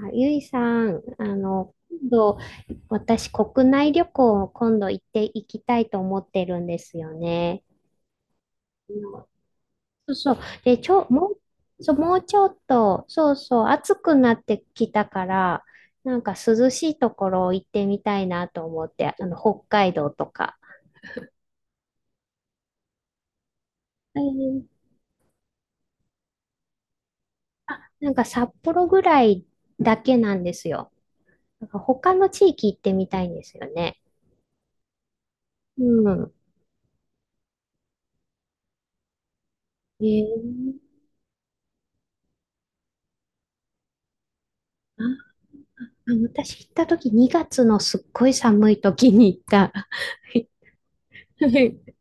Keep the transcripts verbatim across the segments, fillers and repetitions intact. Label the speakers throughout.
Speaker 1: あゆいさん、あの、今度、私、国内旅行を今度行っていきたいと思ってるんですよね。そうそう。で、ちょ、もう、そう、もうちょっと、そうそう、暑くなってきたから、なんか涼しいところ行ってみたいなと思って、あの、北海道とか。えーなんか札幌ぐらいだけなんですよ。なんか他の地域行ってみたいんですよね。うん。えー、ああの私行った時、にがつのすっごい寒い時に行った。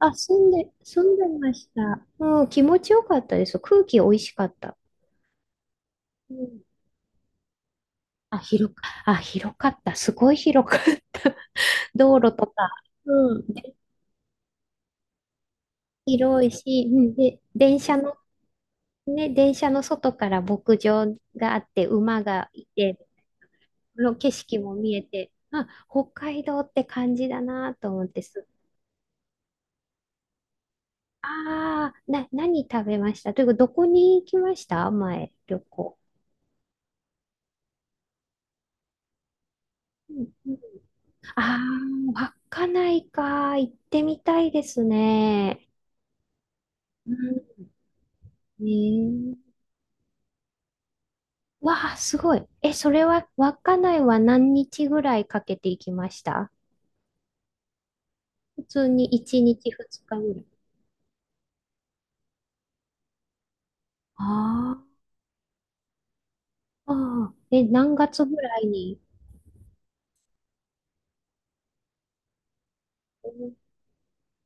Speaker 1: あ、あ、住んで、住んでました。うん、気持ちよかったです。空気美味しかった。うん。あ、広か、あ、広かった。すごい広かった。道路とか、うん、で広いし、うん、で、電車の、ね、電車の外から牧場があって、馬がいて、この景色も見えて、あ、北海道って感じだなと思って、すああ、な、何食べましたというか、どこに行きました？前、旅行。うんうん、ああ、稚内か。行ってみたいですね。うん、ねえ。わあ、すごい。え、それは、稚内は何日ぐらいかけて行きました？普通にいちにちふつかぐらい？あーあー、え、何月ぐらいに？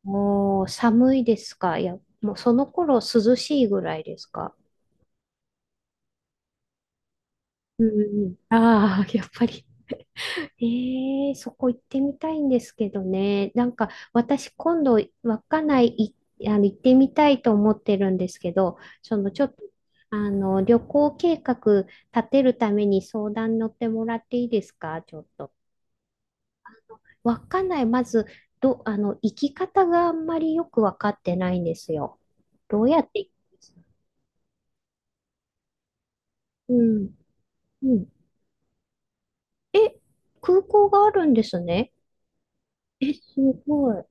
Speaker 1: おー、寒いですか？いや、もうその頃涼しいぐらいですか？うんうんうん。ああ、やっぱり。ええ、そこ行ってみたいんですけどね。なんか、私今度、稚内い、あの、行ってみたいと思ってるんですけど、その、ちょっと、あの、旅行計画立てるために相談乗ってもらっていいですか、ちょっと？稚内、まず、ど、あの、行き方があんまりよくわかってないんですよ。どうやって行きます？うん、うん。え、空港があるんですね。え、すごい。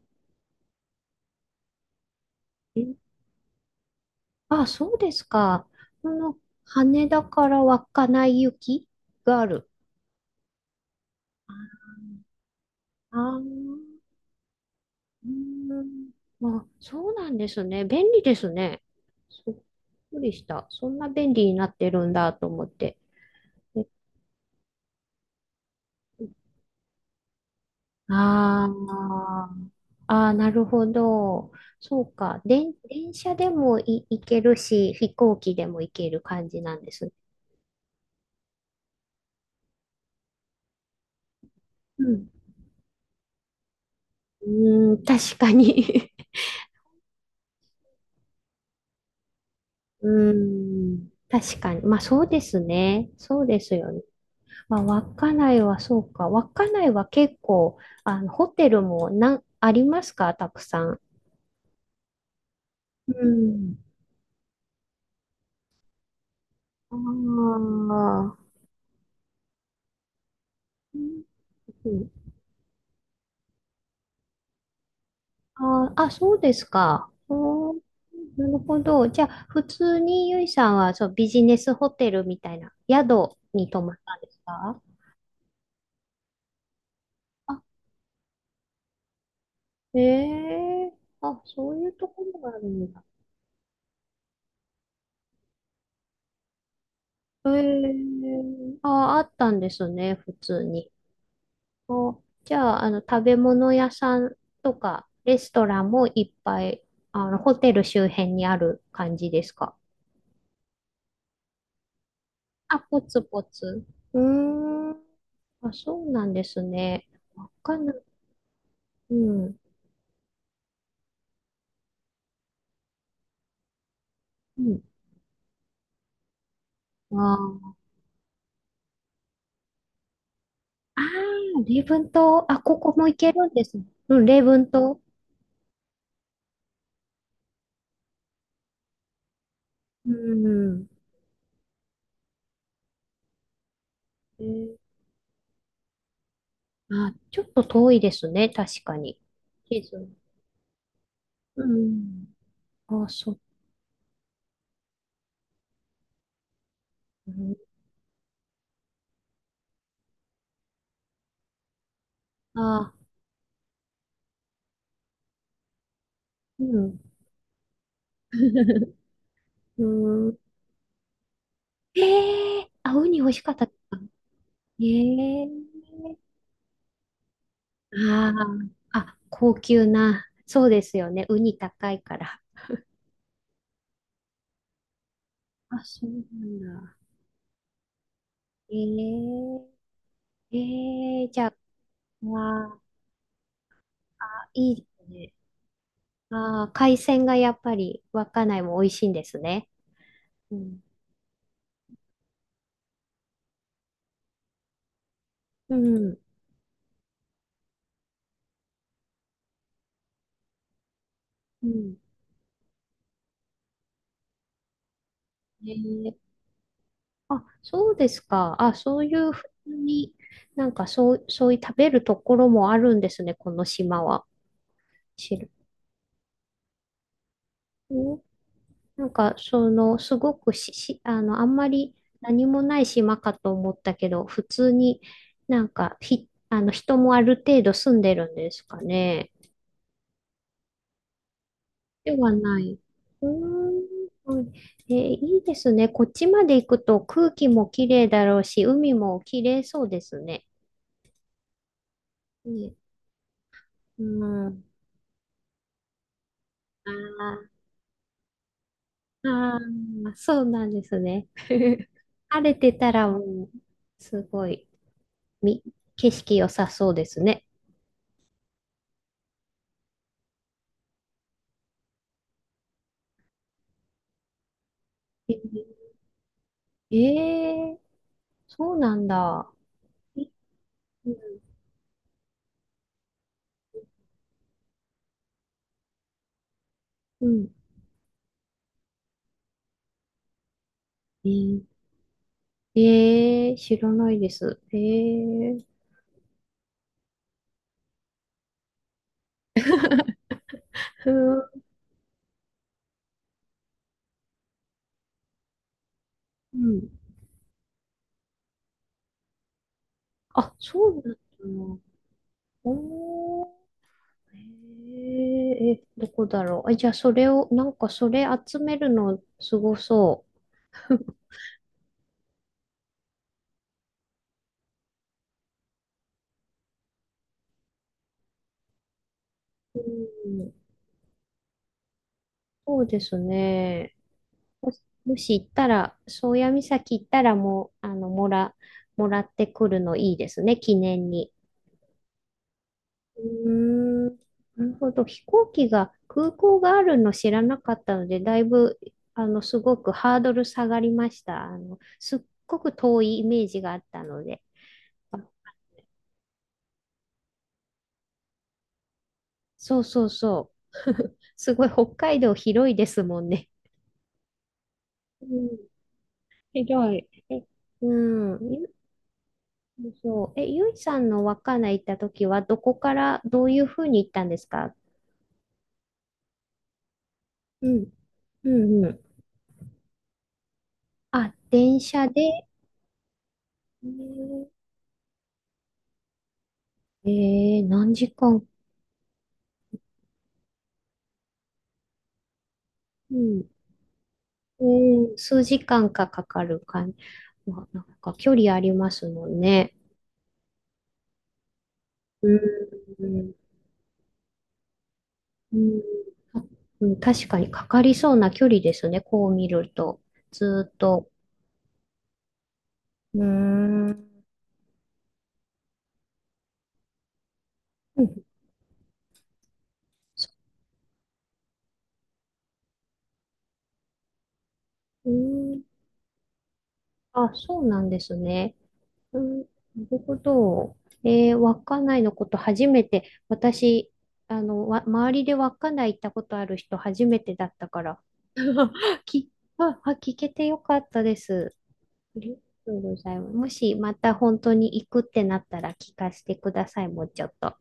Speaker 1: えあ、そうですか。この羽田から稚内行きがある。ああ、うん。あ、そうなんですね。便利ですね。すっくりした。そんな便利になってるんだと思って。えあーあー、なるほど。そうか。電電車でもい行けるし、飛行機でも行ける感じなんですね。うん。うーん、確かに。うーん。確かに。まあそうですね。そうですよね。まあ稚内はそうか。稚内は結構、あの、ホテルもなんありますか、たくさん？うん。ああ。うん、あーあ、そうですか。おー、なるほど。じゃあ、普通にゆいさんはそう、ビジネスホテルみたいな宿に泊まったんですか？あ、ええ、あ、そういうところがあるんだ。えー、あ、あったんですね、普通に。お、じゃあ、あの、食べ物屋さんとか、レストランもいっぱい、あの、ホテル周辺にある感じですか？あ、ポツポツ。うーん。あ、そうなんですね。わかんない。うん。うん。あーあー、礼文島。あ、ここも行けるんですね。うん、礼文島。うん。えーあ、ちょっと遠いですね、確かに。地図。うん。あ、そう。うん、あ、うん。うーん。ええ、あ、ウニ美味しかったですか？ええ、ああ、あ、高級な。そうですよね。ウニ高いから。あ、そうなんだ。ええええ、じゃあ、わあ、いいですね。ああ、海鮮がやっぱり稚内も美味しいんですね。うん。うん。うん。ええ、あ、そうですか。あ、そういうふうに、なんかそう、そういう食べるところもあるんですね、この島は。知る。んなんか、その、すごくし、し、あの、あんまり何もない島かと思ったけど、普通になんか、ひ、あの、人もある程度住んでるんですかね。ではない。うーん。はい、えーいいですね。こっちまで行くと空気もきれいだろうし、海もきれいそうですね。ね、うん。あーああ、そうなんですね。晴れてたらもう、すごい、み、景色良さそうですね。えー、えー、そうなんだ。うん。えー、えー知らないです。えー、ふー、うん。あ、そうなんだな。おー、えー、え、どこだろう。あ、じゃあ、それを、なんか、それ集めるの、すごそう。うん、そうですね。もし、もし行ったら、宗谷岬行ったらもう、あの、もら、もらってくるのいいですね、記念に。うーん、なるほど。飛行機が、空港があるの知らなかったので、だいぶ、あの、すごくハードル下がりました。あの、すっごく遠いイメージがあったので。あ、そうそうそう。すごい、北海道広いですもんね。うん、広い。え、うん、そうそう。え、ゆいさんの稚内行った時は、どこからどういうふうに行ったんですか？うん、うんうん。あ、電車で、えー、えー何時間、うん、うん、数時間かかかるか、まあ、なんか距離ありますもんね。うん、うんうん、あ、うん、確かにかかりそうな距離ですね、こう見ると。ずーっと。うーん。うん、そう、んあ、そうなんですね。うん、なるほど。えー、稚内のこと初めて、私、あの、わ、周りで稚内行ったことある人初めてだったから、き、あ、あ、聞けてよかったです。ありがとうございます。もしまた本当に行くってなったら聞かせてください、もうちょっと。